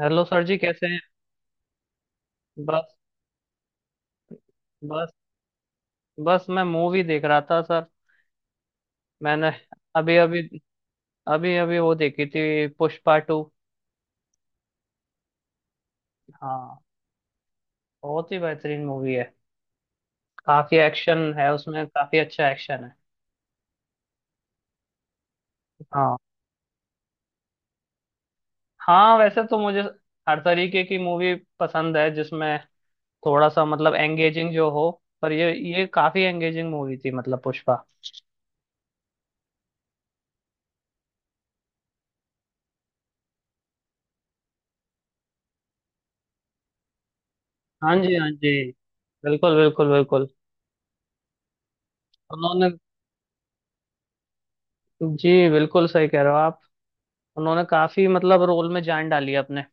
Hello sir जी, कैसे हैं? बस। बस। बस, मैं मूवी देख रहा था सर। मैंने अभी अभी अभी अभी वो देखी थी, पुष्पा टू। हाँ, बहुत ही बेहतरीन मूवी है। काफी एक्शन है उसमें, काफी अच्छा एक्शन है। हाँ, हाँ, वैसे तो मुझे हर तरीके की मूवी पसंद है जिसमें थोड़ा सा मतलब एंगेजिंग जो हो। पर ये काफी एंगेजिंग मूवी थी, मतलब पुष्पा। हाँ जी, हाँ जी, बिल्कुल, बिल्कुल, बिल्कुल। उन्होंने। जी, बिल्कुल सही कह रहे हो आप। उन्होंने काफी मतलब रोल में जान डाली है, अपने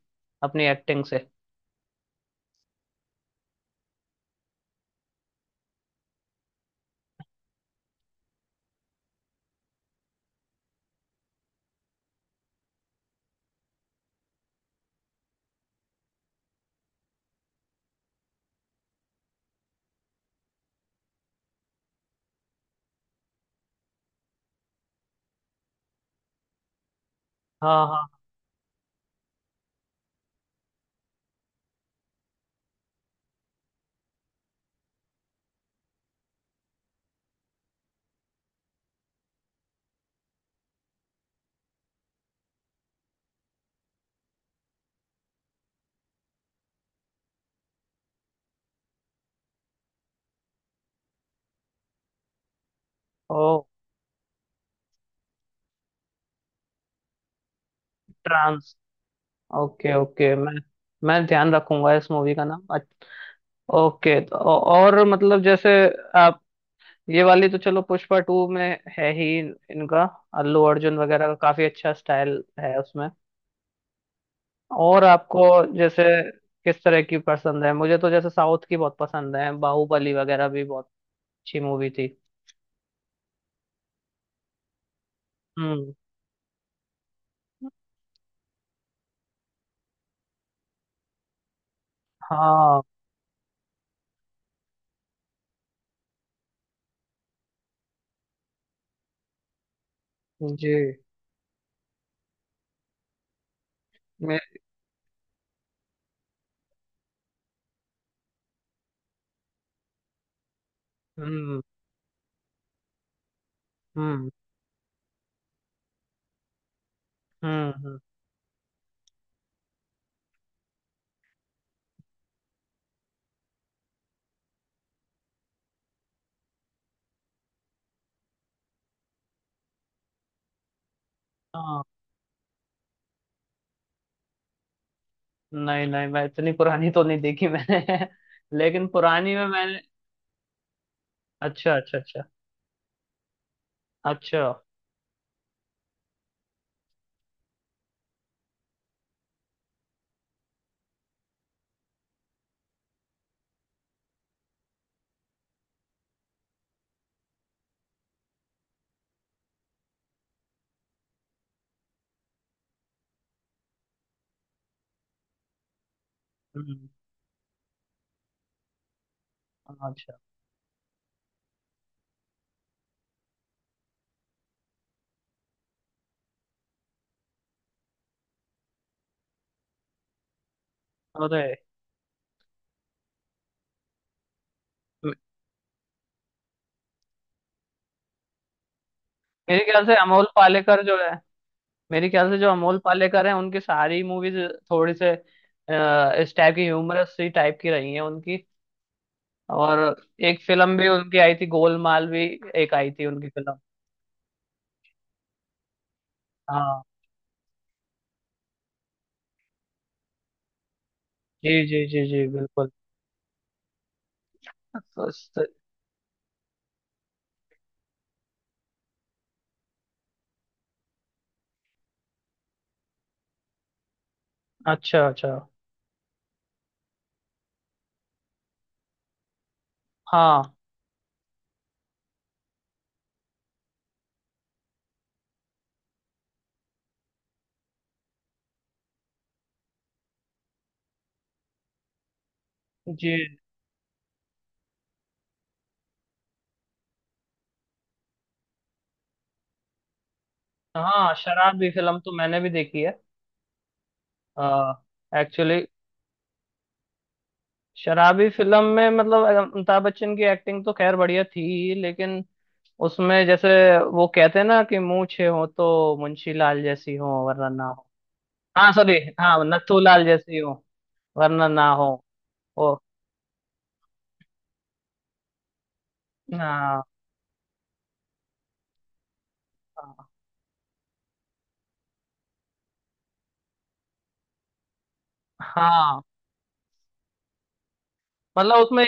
अपनी एक्टिंग से। हाँ, हाँ। ओ। ट्रांस। ओके, ओके, मैं ध्यान रखूंगा इस मूवी का नाम ओके, तो और मतलब जैसे आप ये वाली तो चलो पुष्पा टू में है ही इनका अल्लू अर्जुन वगैरह का काफी अच्छा स्टाइल है उसमें। और आपको जैसे किस तरह की पसंद है? मुझे तो जैसे साउथ की बहुत पसंद है, बाहुबली वगैरह भी बहुत अच्छी मूवी थी। हम्म। हाँ जी। मैं। हम्म। हम्म। हम्म। हाँ। नहीं, नहीं, मैं इतनी पुरानी तो नहीं देखी मैंने। लेकिन पुरानी में मैंने। अच्छा, अच्छा, अच्छा, अच्छा। हम्म। अच्छा। अरे। मे- मेरे ख्याल से अमोल पालेकर जो है, मेरे ख्याल से जो अमोल पालेकर है उनकी सारी मूवीज थोड़ी से इस टाइप की, ह्यूमरस सी टाइप की रही है उनकी। और एक फिल्म भी उनकी आई थी, गोलमाल भी, एक आई थी उनकी फिल्म। हाँ। जी, जी, जी, जी, बिल्कुल। तो- अच्छा, अच्छा। हाँ जी, हाँ। शराबी फिल्म तो मैंने भी देखी है। एक्चुअली, शराबी फिल्म में मतलब अमिताभ बच्चन की एक्टिंग तो खैर बढ़िया थी ही, लेकिन उसमें जैसे वो कहते हैं ना, कि मूछें हो तो मुंशी लाल जैसी हो वरना ना हो। हाँ, सॉरी। हाँ, नथु लाल जैसी हो वरना ना हो। ओ। हाँ, हाँ, हाँ। मतलब उसमें,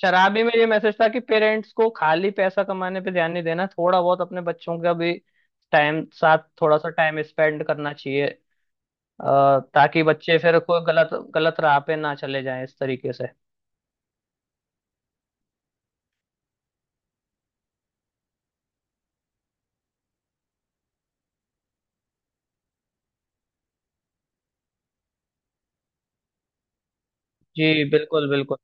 शराबी में ये मैसेज था कि पेरेंट्स को खाली पैसा कमाने पे ध्यान नहीं देना, थोड़ा बहुत अपने बच्चों का भी टाइम साथ, थोड़ा सा टाइम स्पेंड करना चाहिए ताकि बच्चे फिर कोई गलत गलत राह पे ना चले जाएं, इस तरीके से। जी, बिल्कुल, बिल्कुल।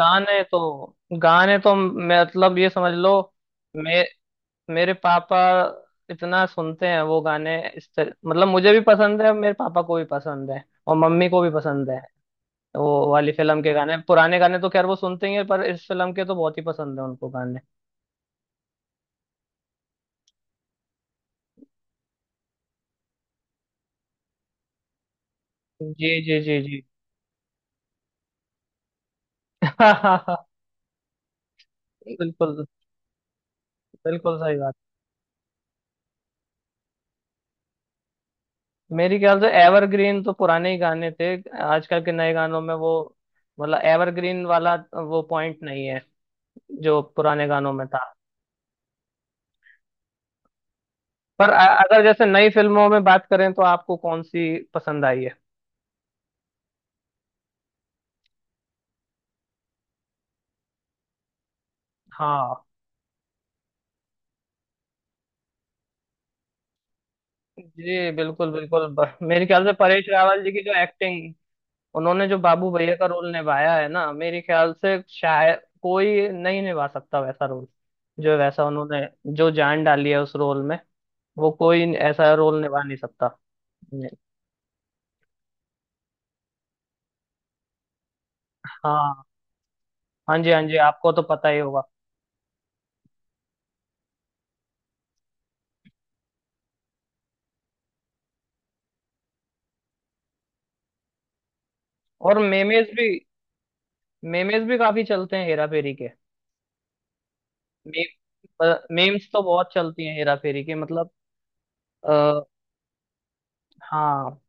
गाने तो गाने तो मतलब ये समझ लो। मे, मेरे पापा इतना सुनते हैं वो गाने, मतलब मुझे भी पसंद है, मेरे पापा को भी पसंद है, और मम्मी को भी पसंद है। वो वाली फिल्म के गाने, पुराने गाने तो खैर वो सुनते ही हैं, पर इस फिल्म के तो बहुत ही पसंद है उनको गाने। जी, जी, जी, जी। बिल्कुल, बिल्कुल सही बात। मेरी ख्याल से एवरग्रीन तो पुराने ही गाने थे, आजकल के नए गानों में वो, मतलब एवरग्रीन वाला वो पॉइंट नहीं है जो पुराने गानों में था। पर अगर जैसे नई फिल्मों में बात करें तो आपको कौन सी पसंद आई है? हाँ जी, बिल्कुल, बिल्कुल, मेरे ख्याल से परेश रावल जी की जो एक्टिंग, उन्होंने जो बाबू भैया का रोल निभाया है ना, मेरे ख्याल से शायद कोई नहीं निभा सकता वैसा रोल। जो वैसा उन्होंने जो जान डाली है उस रोल में, वो कोई ऐसा रोल निभा नहीं सकता। नहीं। हाँ। हाँ जी, हाँ जी, आपको तो पता ही होगा। और मेमेज भी काफी चलते हैं हेरा फेरी के। मेम्स तो बहुत चलती हैं हेरा फेरी के, मतलब आ, हाँ।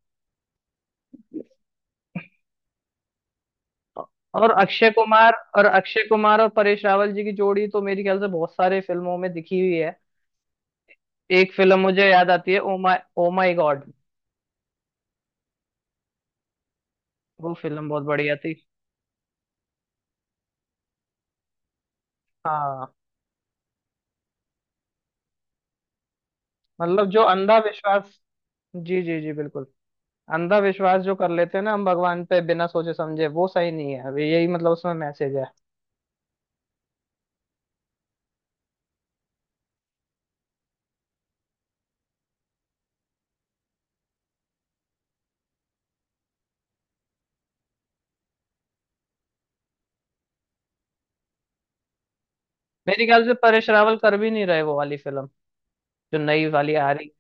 और अक्षय कुमार, और परेश रावल जी की जोड़ी तो मेरे ख्याल से बहुत सारे फिल्मों में दिखी हुई है। एक फिल्म मुझे याद आती है, ओ माय गॉड। वो फिल्म बहुत बढ़िया थी। हाँ, मतलब जो अंधा विश्वास। जी, जी, जी, बिल्कुल। अंधा विश्वास जो कर लेते हैं ना हम भगवान पे बिना सोचे समझे, वो सही नहीं है, अभी यही मतलब उसमें मैसेज है। मेरे ख्याल से परेश रावल कर भी नहीं रहे वो वाली फिल्म, जो नई वाली आ रही।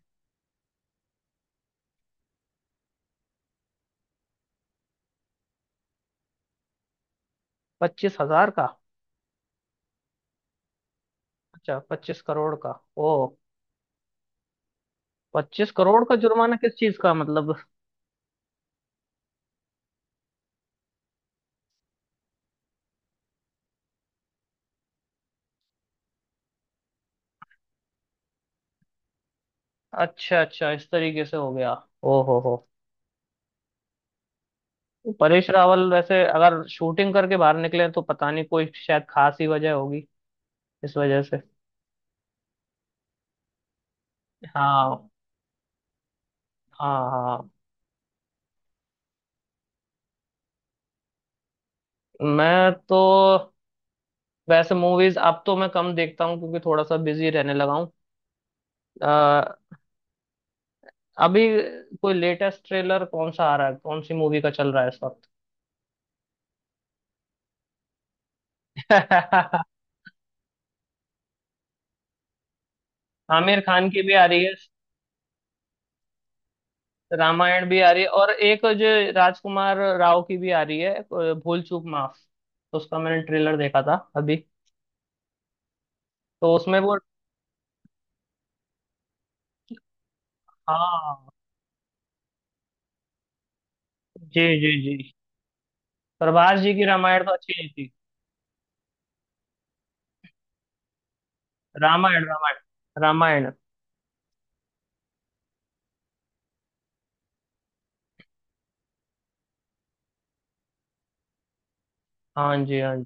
25,000 का? अच्छा, 25 करोड़ का। ओ। 25 करोड़ का जुर्माना? किस चीज का मतलब? अच्छा, अच्छा, इस तरीके से हो गया। ओ हो हो। परेश रावल वैसे अगर शूटिंग करके बाहर निकले तो पता नहीं, कोई शायद खास ही वजह होगी इस वजह से। हाँ, हाँ, हाँ। मैं तो वैसे मूवीज अब तो मैं कम देखता हूँ क्योंकि थोड़ा सा बिजी रहने लगा हूँ। अ, अभी कोई लेटेस्ट ट्रेलर कौन सा आ रहा है, कौन सी मूवी का चल रहा है इस वक्त? आमिर खान की भी आ रही है। रामायण भी आ रही है, और एक जो राजकुमार राव की भी आ रही है, भूल चूक माफ, उसका मैंने ट्रेलर देखा था अभी, तो उसमें वो। हाँ जी, जी, जी। प्रभास जी की रामायण तो अच्छी नहीं थी। रामायण, रामायण, रामायण। हाँ जी, हाँ जी,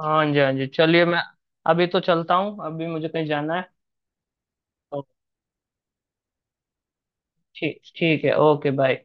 हाँ जी, हाँ जी, चलिए मैं अभी तो चलता हूँ, अभी मुझे कहीं जाना है। तो ठीक ठीक है, ओके, बाय।